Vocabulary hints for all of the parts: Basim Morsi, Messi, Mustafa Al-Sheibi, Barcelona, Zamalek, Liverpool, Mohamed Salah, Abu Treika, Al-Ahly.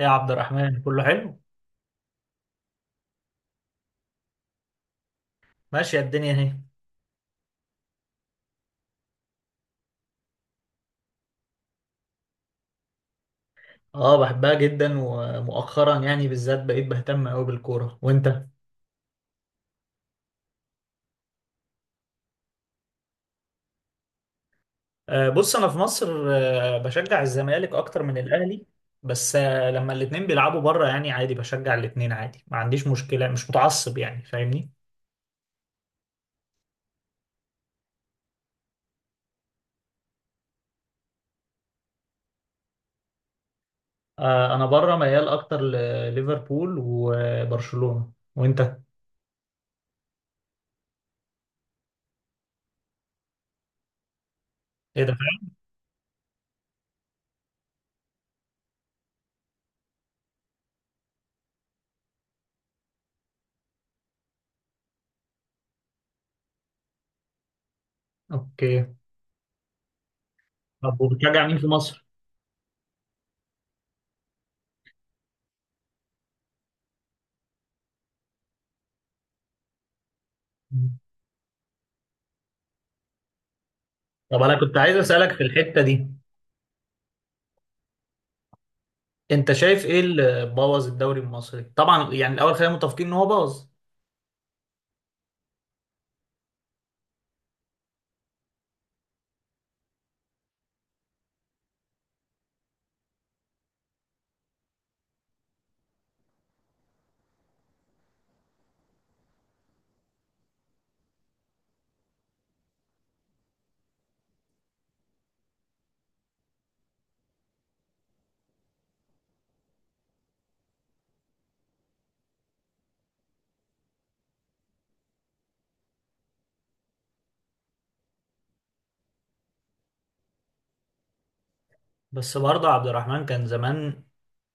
إيه يا عبد الرحمن، كله حلو. ماشية الدنيا اهي. اه بحبها جدا، ومؤخرا يعني بالذات بقيت بهتم قوي بالكورة. وانت؟ آه بص، انا في مصر آه بشجع الزمالك اكتر من الاهلي، بس آه لما الاتنين بيلعبوا بره يعني عادي بشجع الاتنين عادي، ما عنديش مشكلة، مش متعصب يعني، فاهمني؟ آه انا بره ميال اكتر لليفربول وبرشلونة. وانت؟ ايه ده! اوكي. طب وبتشجع مين في مصر؟ طب انا كنت عايز اسالك في الحته دي، انت شايف ايه اللي بوظ الدوري المصري؟ طبعا يعني الاول خلينا متفقين ان هو بوظ. بس برضه عبد الرحمن، كان زمان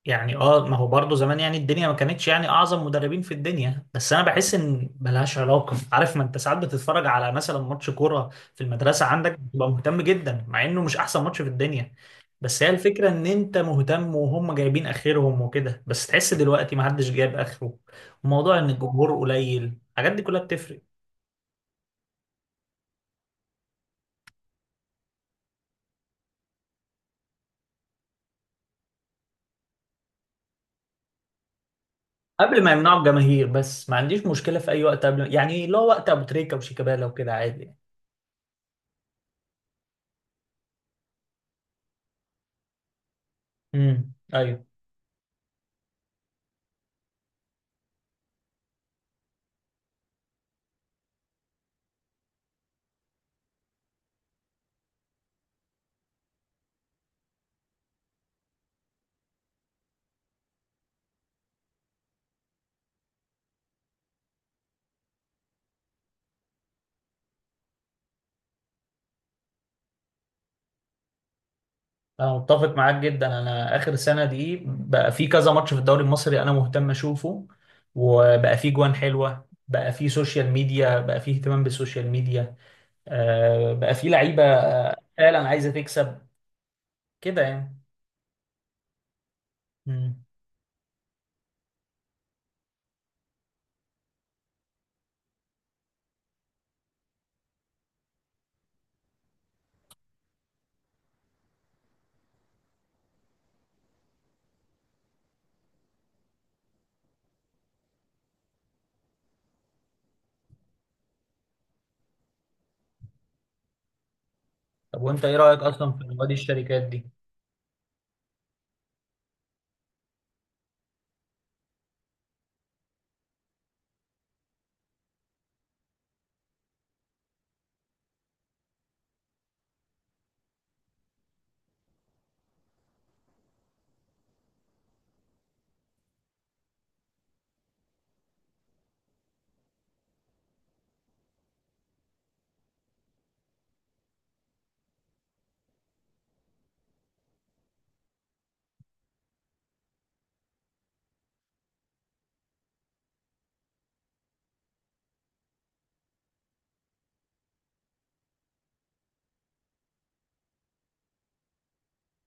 يعني اه ما هو برضه زمان يعني الدنيا ما كانتش يعني اعظم مدربين في الدنيا، بس انا بحس ان ملهاش علاقه، عارف؟ ما انت ساعات بتتفرج على مثلا ماتش كوره في المدرسه عندك، بتبقى مهتم جدا مع انه مش احسن ماتش في الدنيا. بس هي الفكره ان انت مهتم وهم جايبين اخرهم وكده، بس تحس دلوقتي ما حدش جايب اخره. وموضوع ان الجمهور قليل، الحاجات دي كلها بتفرق. قبل ما يمنعوا الجماهير. بس ما عنديش مشكله في اي وقت قبل، يعني لو وقت ابو تريكه وشيكابالا وكده عادي يعني. امم، ايوه. انا متفق معاك جدا. انا اخر سنه دي بقى في كذا ماتش في الدوري المصري انا مهتم اشوفه. وبقى في جوان حلوه، بقى في سوشيال ميديا، بقى في اهتمام بالسوشيال ميديا. آه بقى في لعيبه فعلا عايزه تكسب كده يعني. امم. طب وانت ايه رايك اصلا في نوادي الشركات دي؟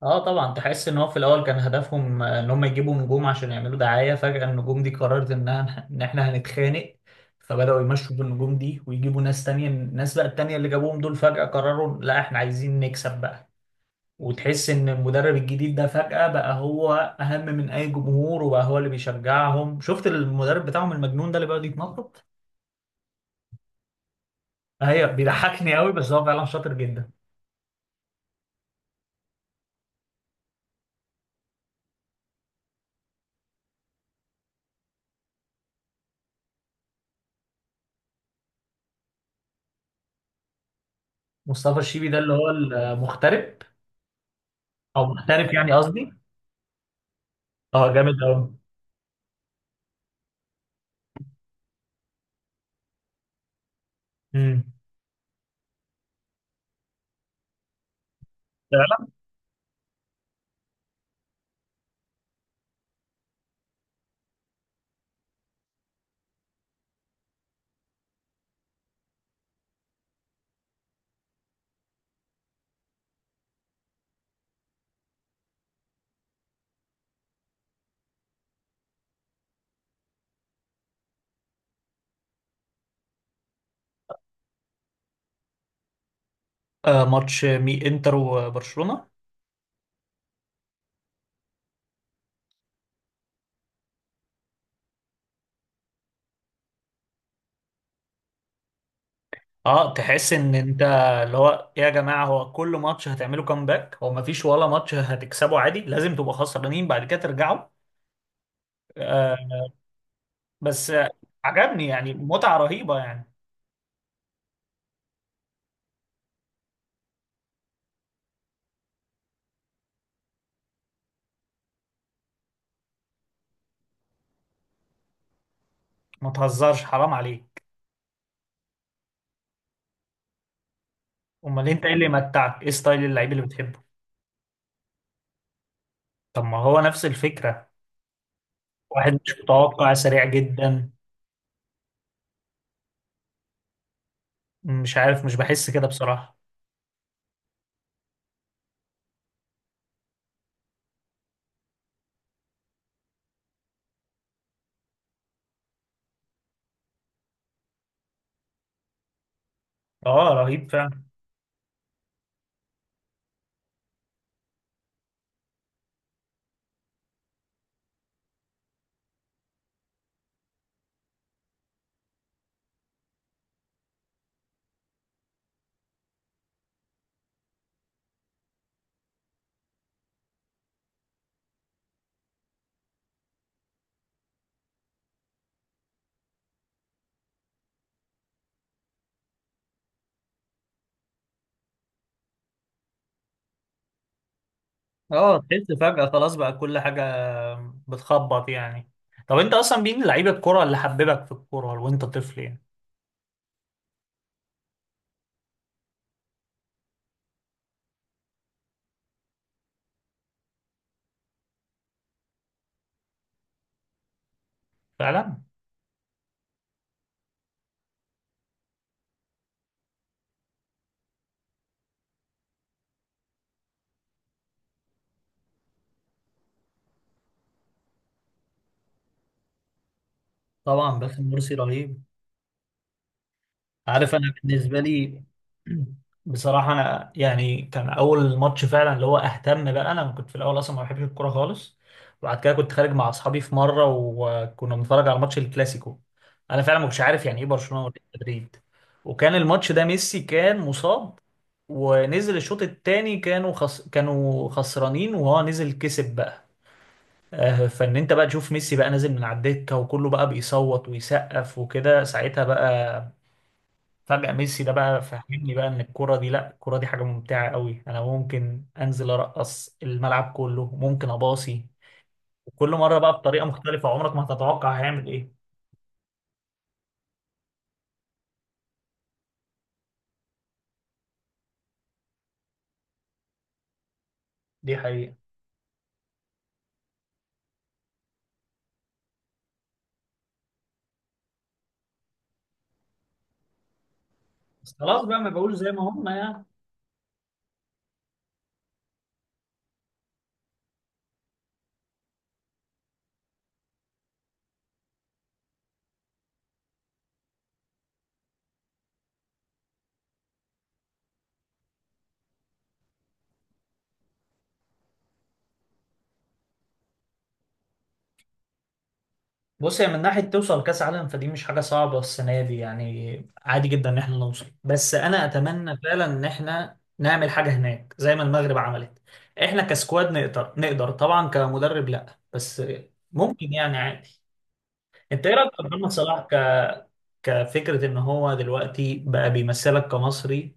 اه طبعا، تحس ان هو في الاول كان هدفهم ان هم يجيبوا نجوم عشان يعملوا دعايه. فجاه النجوم دي قررت انها ان احنا هنتخانق، فبداوا يمشوا بالنجوم دي ويجيبوا ناس تانية. الناس بقى التانية اللي جابوهم دول فجاه قرروا لا احنا عايزين نكسب بقى. وتحس ان المدرب الجديد ده فجاه بقى هو اهم من اي جمهور، وبقى هو اللي بيشجعهم. شفت المدرب بتاعهم المجنون ده اللي بيقعد يتنطط؟ هي بيضحكني قوي، بس هو فعلا شاطر جدا. مصطفى الشيبي ده اللي هو المغترب، او محترف يعني قصدي. اه جامد قوي. لا لا. ماتش مي انتر وبرشلونة. اه تحس ان انت، اللي هو إيه يا جماعة، هو كل ماتش هتعملوا كامباك؟ هو مفيش ولا ماتش هتكسبه عادي؟ لازم تبقوا خسرانين بعد كده ترجعوا. آه. بس آه، عجبني، يعني متعة رهيبة يعني. ما تهزرش، حرام عليك. امال انت ايه اللي متعك؟ ايه ستايل اللعيب اللي بتحبه؟ طب ما هو نفس الفكرة. واحد مش متوقع، سريع جدا. مش عارف، مش بحس كده بصراحة. اه رهيب فعلا. اه تحس فجأة خلاص بقى كل حاجة بتخبط يعني. طب انت اصلا مين لعيب الكرة اللي حببك في الكرة وانت طفل يعني؟ فعلا. طبعا باسم مرسي رهيب. عارف، انا بالنسبة لي بصراحة انا يعني كان اول ماتش فعلا اللي هو اهتم بقى. انا كنت في الاول اصلا ما بحبش الكرة خالص، وبعد كده كنت خارج مع اصحابي في مرة وكنا بنتفرج على ماتش الكلاسيكو. انا فعلا ما كنتش عارف يعني ايه برشلونة وريال مدريد. وكان الماتش ده ميسي كان مصاب، ونزل الشوط التاني كانوا كانوا خسرانين وهو نزل كسب بقى. فان انت بقى تشوف ميسي بقى نازل من على الدكه وكله بقى بيصوت ويسقف وكده، ساعتها بقى فجأة ميسي ده بقى فهمني بقى ان الكرة دي، لا الكرة دي حاجة ممتعة قوي، انا ممكن انزل ارقص الملعب كله، ممكن اباصي. وكل مرة بقى بطريقة مختلفة، عمرك ما هتتوقع هيعمل ايه. دي حقيقة. بس خلاص بقى ما بقول زي ما هم يعني. بص، هي من ناحية توصل كأس عالم فدي مش حاجة صعبة. السنة دي يعني عادي جدا إن إحنا نوصل، بس أنا أتمنى فعلا إن إحنا نعمل حاجة هناك زي ما المغرب عملت. إحنا كسكواد نقدر، نقدر طبعا. كمدرب لأ، بس ممكن يعني عادي. أنت إيه رأيك في محمد صلاح كفكرة إن هو دلوقتي بقى بيمثلك كمصري؟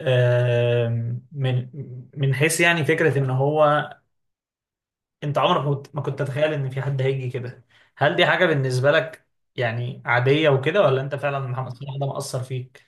من من حيث يعني فكرة إن هو، انت عمرك ما كنت تتخيل ان في حد هيجي كده. هل دي حاجة بالنسبة لك يعني عادية وكده، ولا انت فعلا محمد صلاح ده مأثر فيك؟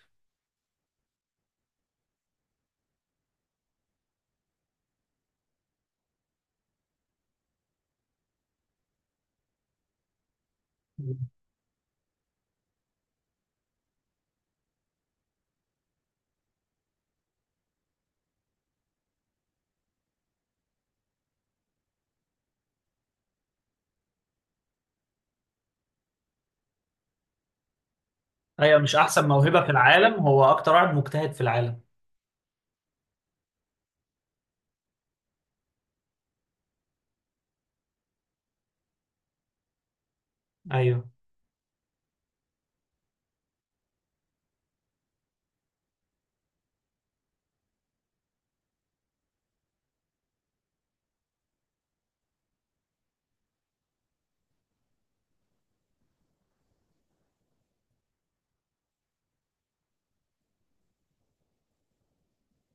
ايوه، مش احسن موهبة في العالم، هو اكتر واحد مجتهد في العالم. ايوه.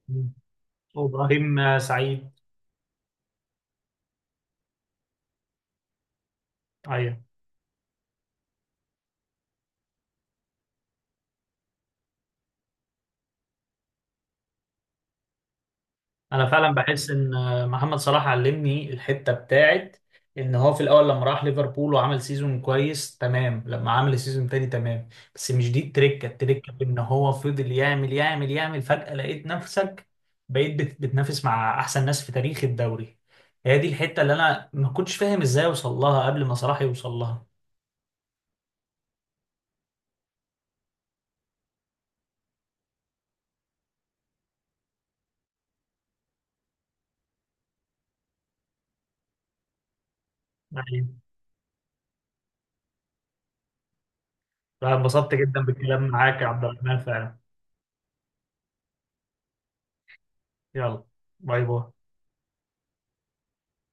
مم. وابراهيم سعيد. ايوه. انا فعلا بحس ان محمد صلاح علمني الحته بتاعت ان هو في الاول لما راح ليفربول وعمل سيزون كويس تمام، لما عمل سيزون تاني تمام، بس مش دي التركه. التركه في ان هو فضل يعمل يعمل يعمل، فجاه لقيت نفسك بقيت بتنافس مع احسن ناس في تاريخ الدوري. هي دي الحته اللي انا ما كنتش فاهم ازاي اوصل لها قبل ما صلاح يوصل لها. يعني أنا انبسطت جدا بالكلام معاك يا عبد الرحمن فعلا. يلا، باي باي.